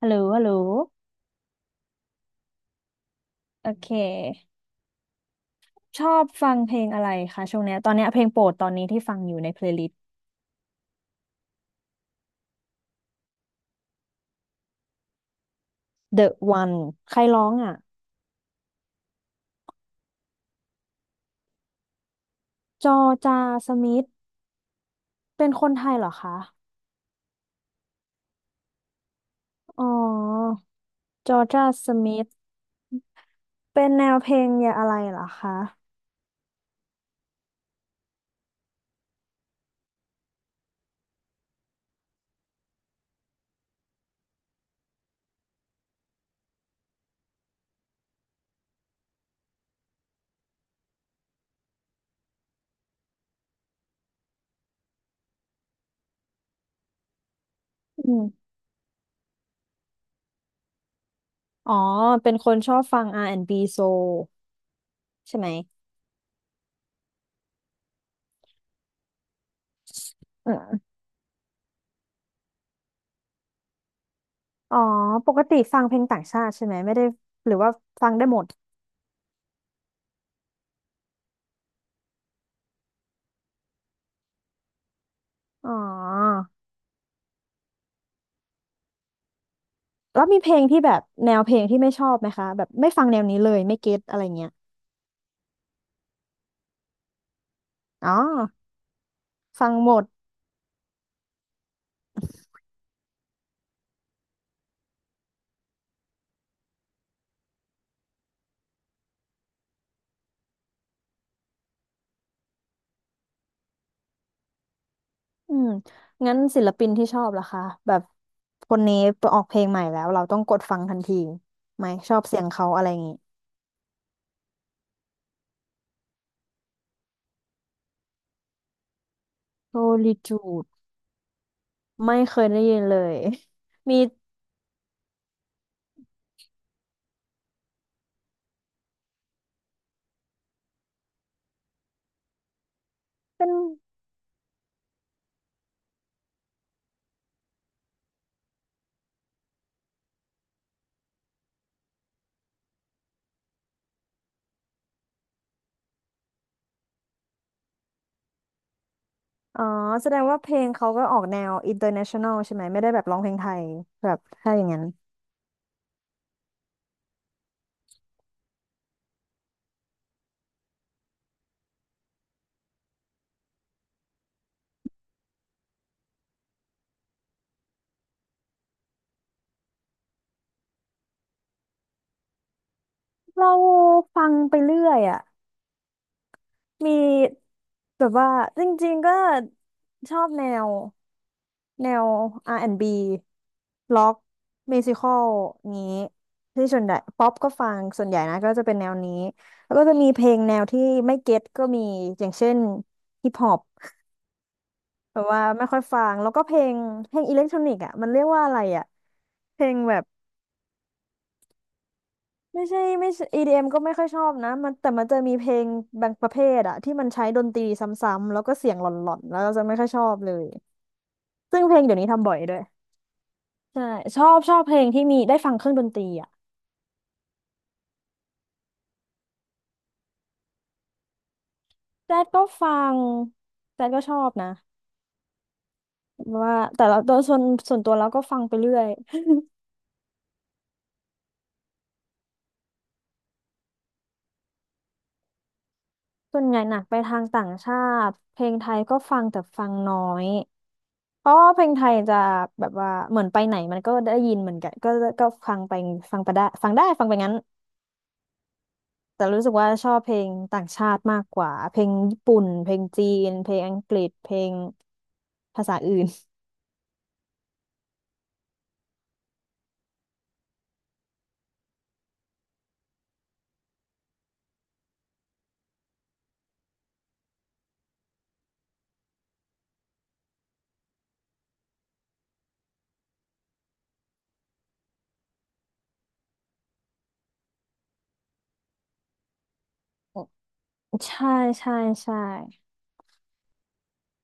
ฮัลโหลฮัลโหลโอเค ชอบฟังเพลงอะไรคะช่วงเนี้ยตอนเนี้ยเพลงโปรดตอนนี้ที่ฟังอยู่ในเพลย์ลิสต์ The One ใครร้องอ่ะจอจาสมิธเป็นคนไทยเหรอคะอ๋อจอจาสมิธเป็นแนวเพลงอย่าอะไรเหรอคะอืมอ๋อเป็นคนชอบฟัง R&B Soul ใช่ไหมอืมอ๋อปกติฟังเพลงต่างชาติใช่ไหมไม่ได้หรือว่าฟังได้หมดอ๋อ แล้วมีเพลงที่แบบแนวเพลงที่ไม่ชอบไหมคะแบบไม่ฟังแนวนี้เลยไม่เก็ตอะไรเงี้ยอ๋อฟังหมดอืมงั้นศิลปินที่ชอบล่ะคะแบบคนนี้ออกเพลงใหม่แล้วเราต้องกดฟังทันทีไหมชอบเสียงเขาอะไรอย่างงี้โซลิจูดไม่เคยได้ยินเลย มีเป็นอ๋อแสดงว่าเพลงเขาก็ออกแนว international ใช่ไหมไม่ได้แบบร้องเพลงไทยแบบถ้าอย่างนั้นเราฟังไปเรื่อยอะ มีแบบว่าจริงๆก็ชอบแนวแนว R&B ล็อกมิวสิคอลนี้ที่ส่วนใหญ่ป๊อปก็ฟังส่วนใหญ่นะก็จะเป็นแนวนี้แล้วก็จะมีเพลงแนวที่ไม่เก็ตก็มีอย่างเช่นฮิปฮอปแบบว่าไม่ค่อยฟังแล้วก็เพลงเพลงอิเล็กทรอนิกส์อ่ะมันเรียกว่าอะไรอ่ะเพลงแบบ ไม่ใช่ไม่ใช่ EDM ก็ไม่ค่อยชอบนะมันแต่มันจะมีเพลงบางประเภทอะที่มันใช้ดนตรีซ้ำๆแล้วก็เสียงหล่อนๆแล้วเราจะไม่ค่อยชอบเลยซึ่งเพลงเดี๋ยวนี้ทำบ่อยด้วยใช่ชอบชอบเพลงที่มีได้ฟังเครื่องดนตรีอะแจ๊ดก็ฟังแจ๊ดก็ชอบนะว่าแต่เราโดยส่วนส่วนตัวเราก็ฟังไปเรื่อยส่วนใหญ่หนักไปทางต่างชาติเพลงไทยก็ฟังแต่ฟังน้อยเพราะว่าเพลงไทยจะแบบว่าเหมือนไปไหนมันก็ได้ยินเหมือนกันก็ก็ฟังไปฟังไปได้ฟังได้ฟังไปงั้น แต่รู้สึกว่าชอบเพลงต่างชาติมากกว่าเพลงญี่ปุ่นเพลงจีนเพลงอังกฤษเพลงภาษาอื่น ใช่ใช่ใช่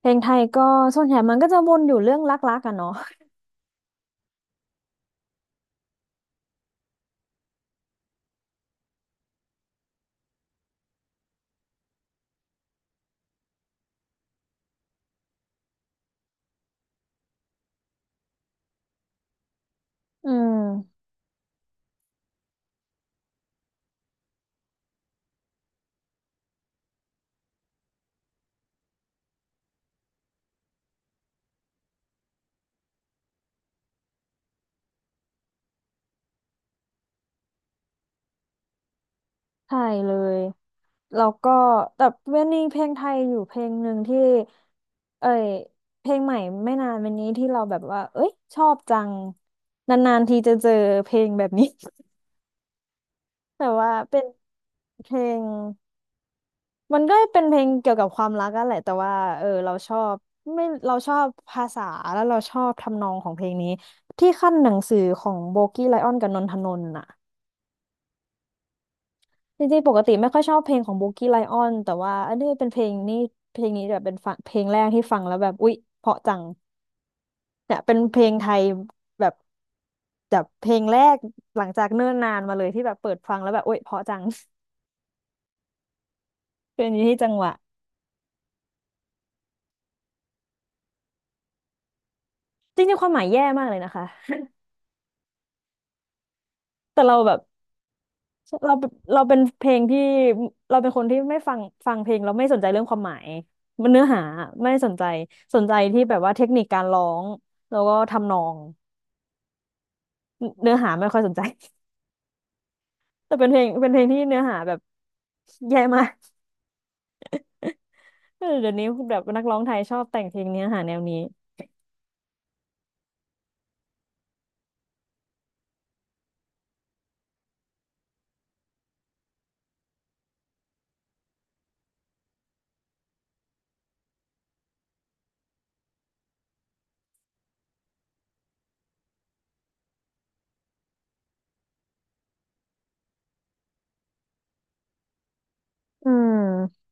เพลงไทยก็ส่วนใหญ่มันก็จะวนอยู่เรื่องรักๆกันเนาะ อืมใช่เลยแล้วก็แต่เวนนี่เพลงไทยอยู่เพลงหนึ่งที่เอ้ยเพลงใหม่ไม่นานวันนี้ที่เราแบบว่าเอ้ยชอบจังนานๆทีจะเจอเพลงแบบนี้ แต่ว่าเป็นเพลง มันก็เป็นเพลงเกี่ยวกับความรักกันแหละแต่ว่าเออเราชอบไม่เราชอบภาษาแล้วเราชอบทำนองของเพลงนี้ที่ขั้นหนังสือของโบกี้ไลออนกับนนทนนท์น่ะจริงๆปกติไม่ค่อยชอบเพลงของโบกี้ไลออนแต่ว่าอันนี้เป็นเพลงนี่เพลงนี้แบบเป็นฟังเพลงแรกที่ฟังแล้วแบบอุ๊ยเพราะจังเนี่ยเป็นเพลงไทยแบบแบบเพลงแรกหลังจากเนิ่นนานมาเลยที่แบบเปิดฟังแล้วแบบอุ๊ยเพราะจัง เพลงนี้ที่จังหวะจริงๆความหมายแย่มากเลยนะคะแต่เราแบบ เราเราเป็นเพลงที่เราเป็นคนที่ไม่ฟังฟังเพลงเราไม่สนใจเรื่องความหมายมันเนื้อหาไม่สนใจสนใจที่แบบว่าเทคนิคการร้องแล้วก็ทำนองเนื้อหาไม่ค่อยสนใจ แต่เป็นเพลงเป็นเพลงที่เนื้อหาแบบแย่มาก เออเดี๋ยวนี้แบบนักร้องไทยชอบแต่งเพลงเนื้อหาแนวนี้อืม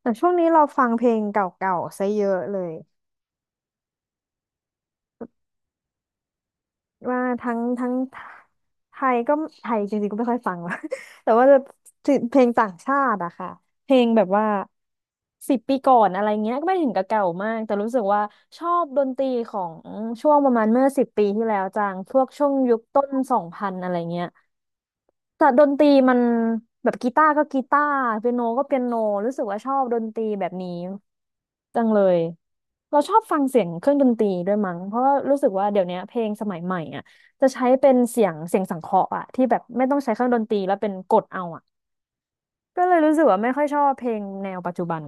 แต่ช่วงนี้เราฟังเพลงเก่าๆซะเยอะเลย ว่าทั้งทั้งไทยก็ไทยจริงๆก็ไม่ค่อยฟังว่ะ แต่ว่าจะเพลงต่างชาติอะค่ะเพลงแบบว่าสิบปีก่อนอะไรเงี้ยก็ไม่ถึงกับเก่ามากแต่รู้สึกว่าชอบดนตรีของช่วงประมาณเมื่อสิบปีที่แล้วจังพวกช่วงยุคต้นสองพันอะไรเงี้ยแต่ดนตรีมันแบบกีตาร์ก็กีตาร์เปียโนก็เปียโนรู้สึกว่าชอบดนตรีแบบนี้ จังเลยเราชอบฟังเสียงเครื่องดนตรีด้วยมั้งเพราะว่ารู้สึกว่าเดี๋ยวนี้เพลงสมัยใหม่อ่ะจะใช้เป็นเสียงเสียงสังเคราะห์อ่ะที่แบบไม่ต้องใช้เครื่องดนตรีแล้วเป็นกดเอาอ่ะก็เลยรู้สึกว่าไม่ค่อยชอบเพลงแนวปัจจุบัน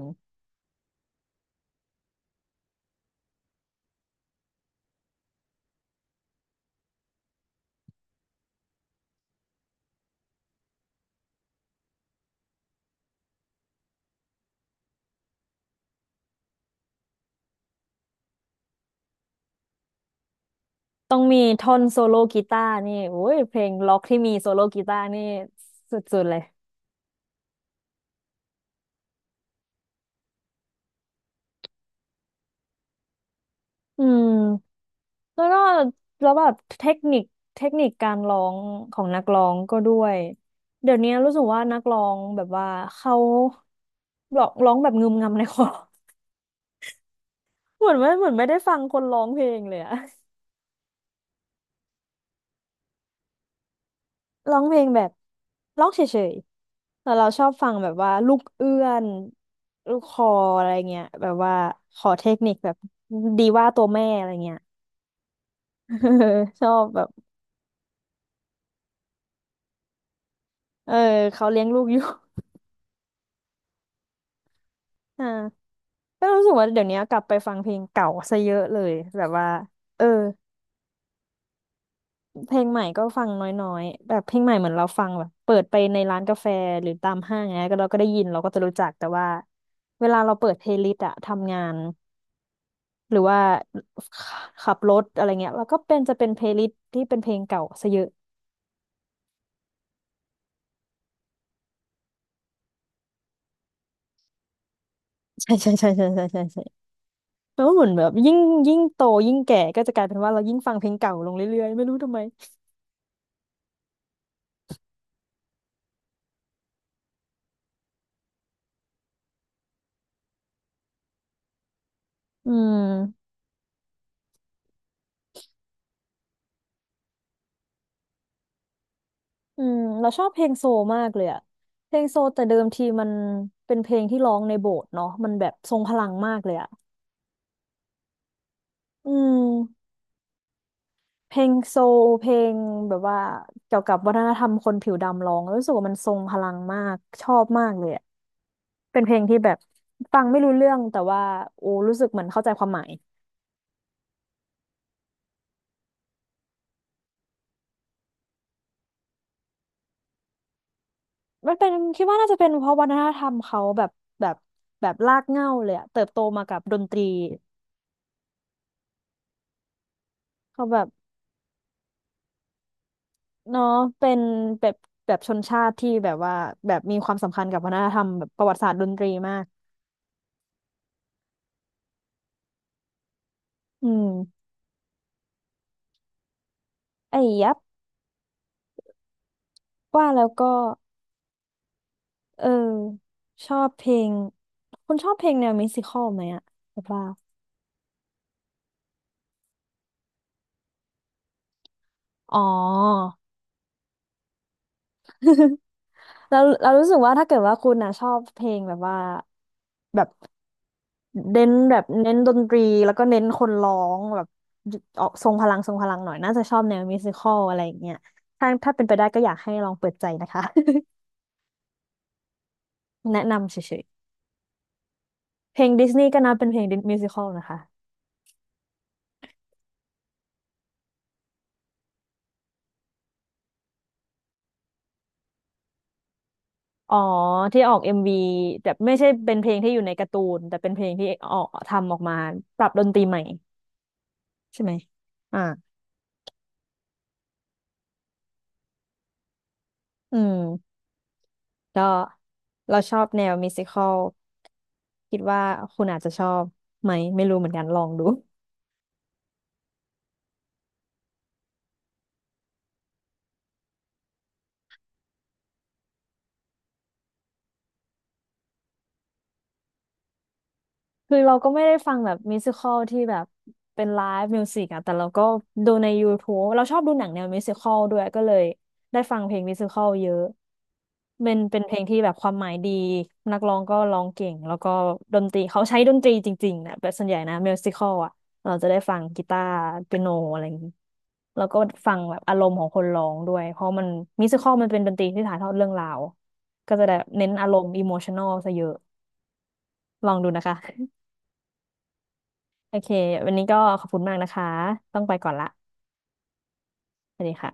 ต้องมีท่อนโซโล่กีตาร์นี่โอ้ยเพลงล็อกที่มีโซโล่กีตาร์นี่สุดๆเลยอืม แล้วก็แล้วแบบเทคนิคเทคนิคการร้องของนักร้องก็ด้วยเดี๋ยวนี้รู้สึกว่านักร้องแบบว่าเขาร้องแบบงึมงำในคอ เหมือนไม่เหมือนไม่ได้ฟังคนร้องเพลงเลยอะ ร้องเพลงแบบร้องเฉยๆแต่เราชอบฟังแบบว่าลูกเอื้อนลูกคออะไรเงี้ยแบบว่าขอเทคนิคแบบดีว่าตัวแม่อะไรเงี้ย ชอบแบบเออเขาเลี้ยงลูกอยู่ อ่าก็รู้สึกว่าเดี๋ยวนี้กลับไปฟังเพลงเก่าซะเยอะเลยแบบว่าเออเพลงใหม่ก็ฟังน้อยๆแบบเพลงใหม่เหมือนเราฟังแบบเปิดไปในร้านกาแฟหรือตามห้างเนี้ยก็เราก็ได้ยินเราก็จะรู้จักแต่ว่าเวลาเราเปิดเพลย์ลิสต์อะทำงานหรือว่าขับรถอะไรเงี้ยเราก็เป็นจะเป็นเพลย์ลิสต์ที่เป็นเพลงเก่าซะเยอะใช่ใช่ใช่ใช่ใช่ใช่ใช่แล้วเหมือนแบบยิ่งโตยิ่งแก่ก็จะกลายเป็นว่าเรายิ่งฟังเพลงเก่าลงเรื่อยๆไม่รู้ทำไมอืม อืมเราชอบเพลงโซลมากเลยอะเพลงโซลแต่เดิมทีมันเป็นเพลงที่ร้องในโบสถ์เนาะมันแบบทรงพลังมากเลยอะอืมเพลงโซลเพลงแบบว่าเกี่ยวกับวัฒนธรรมคนผิวดำร้องแล้วรู้สึกว่ามันทรงพลังมากชอบมากเลยอะเป็นเพลงที่แบบฟังไม่รู้เรื่องแต่ว่าโอ้รู้สึกเหมือนเข้าใจความหมายมันเป็นคิดว่าน่าจะเป็นเพราะวัฒนธรรมเขาแบบแบบแบบรากเหง้าเลยอะเติบโตมากับดนตรีเขาแบบ เนาะเป็นแบบแบบชนชาติที่แบบว่าแบบมีความสำคัญกับวัฒนธรรมแบบประวัติศาสตร์ดนตรีมาก อืมไอ้ยับว่าแล้วก็เออชอบเพลงคุณชอบเพลงแนวมิวสิคอลไหมอะแบบว่าอ๋อ แล้วเรารู้สึกว่าถ้าเกิดว่าคุณนะชอบเพลงแบบว่าแบบเน้นดนตรีแล้วก็เน้นคนร้องแบบออกทรงพลังหน่อยน่าจะชอบแนวมิวสิคอลอะไรอย่างเงี้ยถ้าเป็นไปได้ก็อยากให้ลองเปิดใจนะคะ แนะนำเฉยๆ เพลงดิสนีย์ก็นับเป็นเพลงมิวสิคอลนะคะ อ๋อที่ออกเอ็มวีแต่ไม่ใช่เป็นเพลงที่อยู่ในการ์ตูนแต่เป็นเพลงที่ออกทำออกมาปรับดนตรีใหม่ใช่ไหมอ่าอืมก็เราชอบแนวมิวสิคอลคิดว่าคุณอาจจะชอบไหมไม่รู้เหมือนกันลองดู คือเราก็ไม่ได้ฟังแบบมิวสิคอลที่แบบเป็นไลฟ์มิวสิกอะแต่เราก็ดูใน YouTube เราชอบดูหนังแนวมิวสิคอลด้วยก็เลยได้ฟังเพลงมิวสิคอลเยอะเป็นเพลงที่แบบความหมายดีนักร้องก็ร้องเก่งแล้วก็ดนตรีเขาใช้ดนตรีจริงๆนะแบบส่วนใหญ่นะมิวสิคอลอะเราจะได้ฟังกีตาร์เปียโนอะไรอย่างนี้แล้วก็ฟังแบบอารมณ์ของคนร้องด้วยเพราะมันมิวสิคอลมันเป็นดนตรีที่ถ่ายทอดเรื่องราวก็จะได้เน้นอารมณ์อิโมชันอลซะเยอะลองดูนะคะ โอเควันนี้ก็ขอบคุณมากนะคะต้องไปก่อนละสวัสดีค่ะ